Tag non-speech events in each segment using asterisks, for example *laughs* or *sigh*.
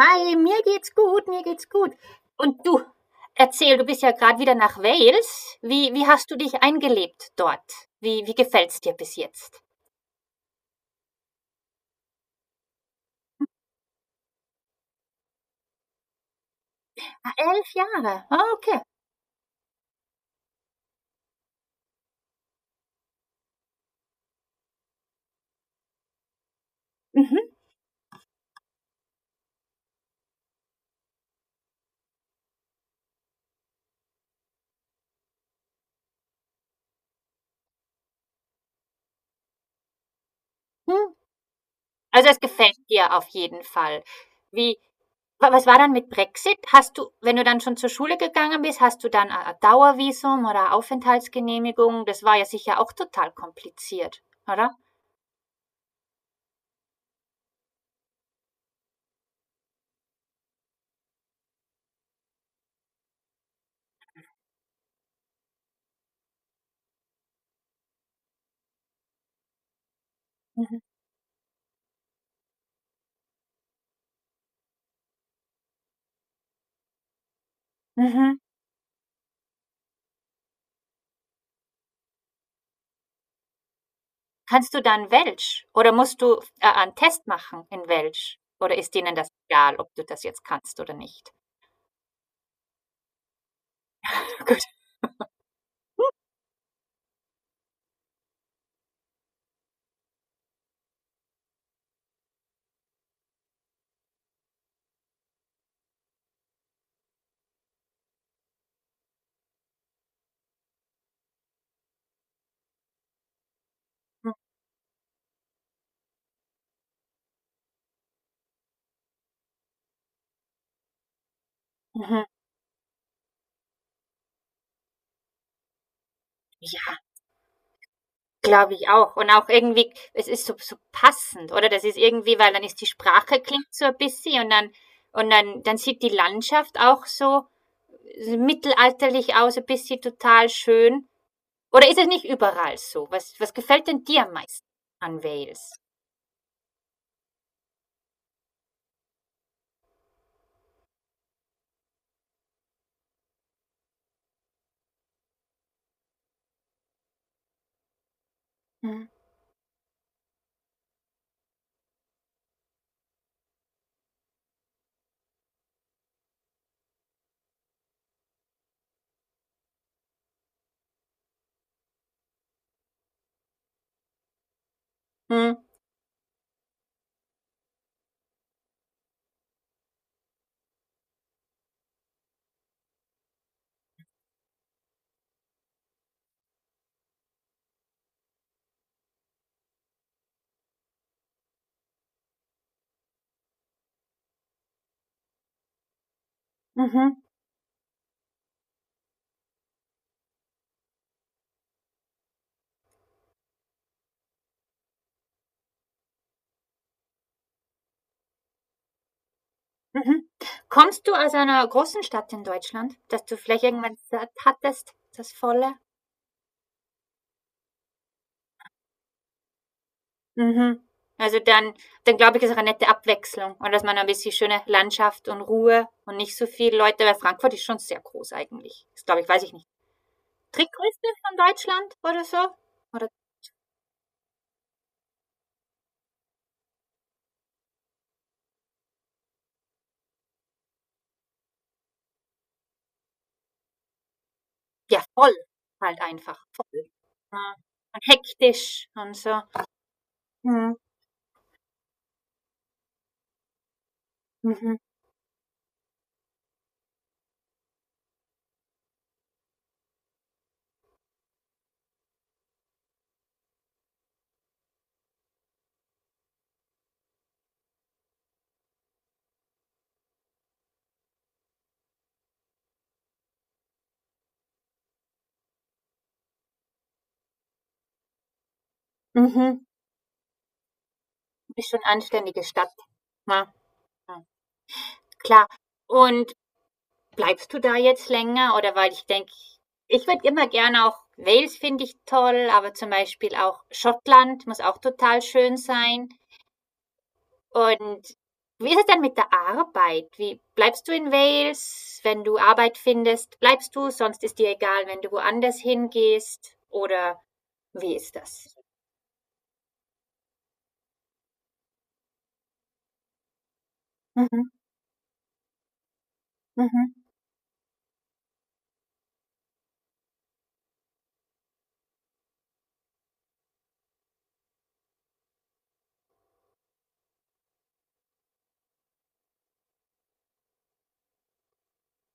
Hi, mir geht's gut, mir geht's gut. Und du, erzähl, du bist ja gerade wieder nach Wales. Wie hast du dich eingelebt dort? Wie gefällt's dir bis jetzt? Ah, elf Jahre. Ah, okay. Mhm. Hm. Also es gefällt dir auf jeden Fall. Wie, was war dann mit Brexit? Hast du, wenn du dann schon zur Schule gegangen bist, hast du dann ein Dauervisum oder Aufenthaltsgenehmigung? Das war ja sicher auch total kompliziert, oder? Mhm. Mhm. Kannst du dann Welsch oder musst du einen Test machen in Welsch? Oder ist denen das egal, ob du das jetzt kannst oder nicht? *laughs* Gut. Mhm. Ja, glaube ich auch. Und auch irgendwie, es ist so, so passend, oder? Das ist irgendwie, weil dann ist die Sprache klingt so ein bisschen und dann, und dann sieht die Landschaft auch so mittelalterlich aus, ein bisschen total schön. Oder ist es nicht überall so? Was, was gefällt denn dir am meisten an Wales? Mhm. Mhm. Mhm. Mhm. Kommst du aus einer großen Stadt in Deutschland, dass du vielleicht irgendwann satt hattest, das Volle? Mhm. Also dann glaube ich, ist auch eine nette Abwechslung und dass man ein bisschen schöne Landschaft und Ruhe und nicht so viele Leute, weil Frankfurt ist schon sehr groß eigentlich. Ist, glaube ich, weiß ich nicht, drittgrößte von Deutschland oder so? Oder ja, voll halt einfach, voll. Ja, und hektisch und so. Mhm, mhm, mhm. Ist schon eine anständige Stadt. Ja, ja, klar. Und bleibst du da jetzt länger? Oder weil ich denke, ich würde immer gerne auch, Wales finde ich toll, aber zum Beispiel auch Schottland muss auch total schön sein. Und wie ist es denn mit der Arbeit? Wie bleibst du in Wales, wenn du Arbeit findest? Bleibst du, sonst ist dir egal, wenn du woanders hingehst? Oder wie ist das? Mhm, mhm.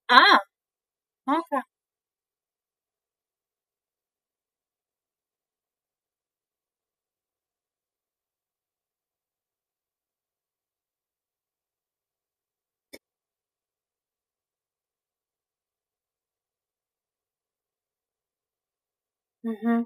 Ah, okay. Mhm.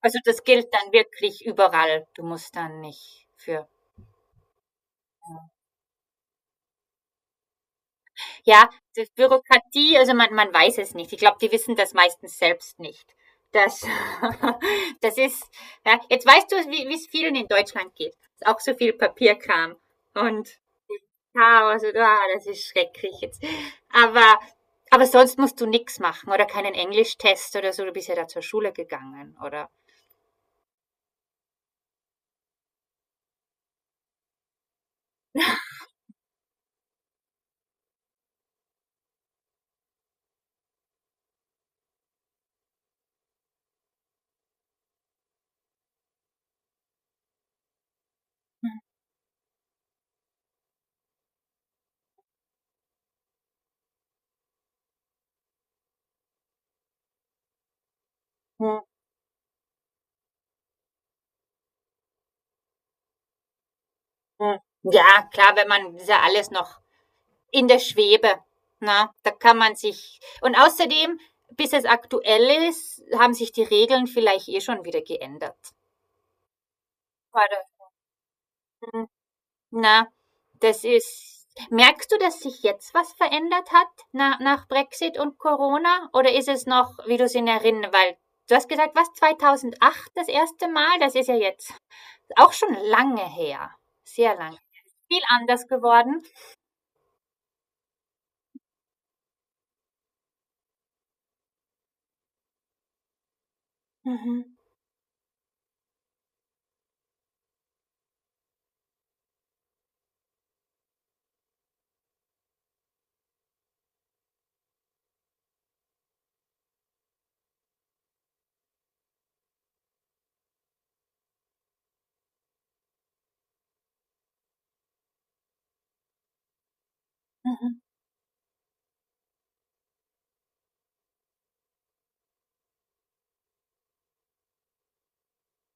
Also das gilt dann wirklich überall. Du musst dann nicht für... Ja, das Bürokratie, also man weiß es nicht. Ich glaube, die wissen das meistens selbst nicht. Das, *laughs* das ist, ja, jetzt weißt du, wie es vielen in Deutschland geht. Ist auch so viel Papierkram und Chaos und ah, das ist schrecklich jetzt. Aber, aber sonst musst du nichts machen oder keinen Englischtest oder so. Du bist ja da zur Schule gegangen, oder? Hm, hm. Ja, klar, wenn man, das ist ja alles noch in der Schwebe. Na, da kann man sich. Und außerdem, bis es aktuell ist, haben sich die Regeln vielleicht eh schon wieder geändert. Warte, hm, na, das ist. Merkst du, dass sich jetzt was verändert hat, na, nach Brexit und Corona? Oder ist es noch, wie du es in Erinnerung, weil du hast gesagt, was, 2008 das erste Mal? Das ist ja jetzt auch schon lange her. Sehr lange. Viel anders geworden. Mhm. Mhm.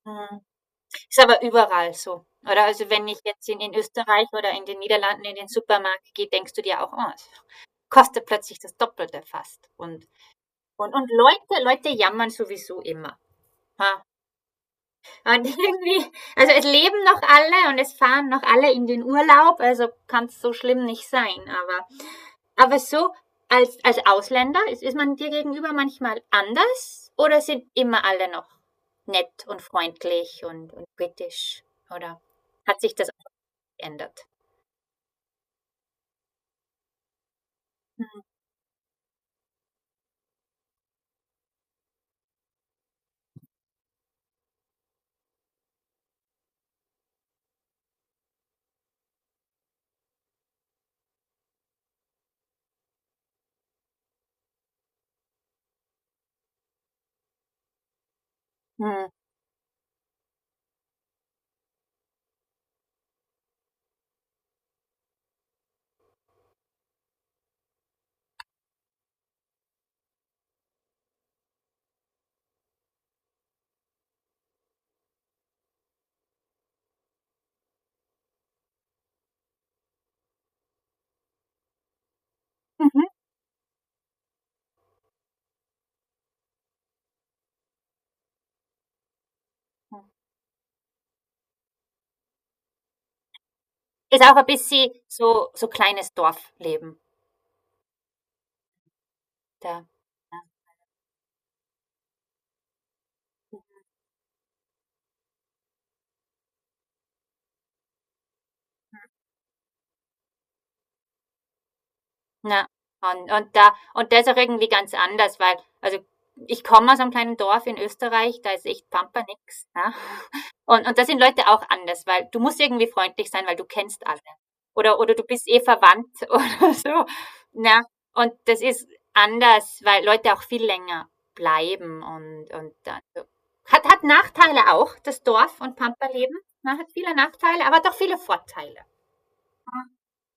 Mhm. Ist aber überall so, oder? Also, wenn ich jetzt in Österreich oder in den Niederlanden in den Supermarkt gehe, denkst du dir auch: „Oh, es kostet plötzlich das Doppelte fast.“ und Leute jammern sowieso immer, ha. Und *laughs* irgendwie also, es leben noch alle und es fahren noch alle in den Urlaub, also kann es so schlimm nicht sein. Aber so als als Ausländer, ist ist man dir gegenüber manchmal anders oder sind immer alle noch nett und freundlich und britisch, oder hat sich das ändert. Mhm. Mhm. Ist auch ein bisschen so, so kleines Dorfleben. Da ja, und da und das auch irgendwie ganz anders, weil also, ich komme aus einem kleinen Dorf in Österreich, da ist echt Pampa nix, ne? Und da sind Leute auch anders, weil du musst irgendwie freundlich sein, weil du kennst alle. Oder du bist eh verwandt *laughs* oder so, ne? Und das ist anders, weil Leute auch viel länger bleiben und dann so hat hat Nachteile auch, das Dorf und Pampa-Leben, ne? Hat viele Nachteile, aber doch viele Vorteile.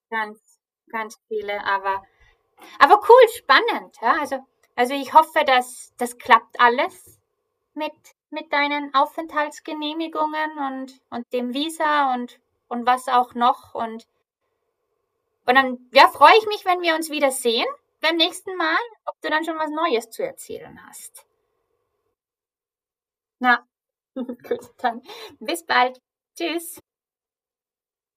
Ganz, ganz viele, aber cool, spannend. Ja? Also ich hoffe, dass das klappt alles mit, mit deinen Aufenthaltsgenehmigungen und dem Visa und was auch noch. Und dann ja, freue ich mich, wenn wir uns wiedersehen beim nächsten Mal, ob du dann schon was Neues zu erzählen hast. Na, *laughs* gut, dann bis bald. Tschüss.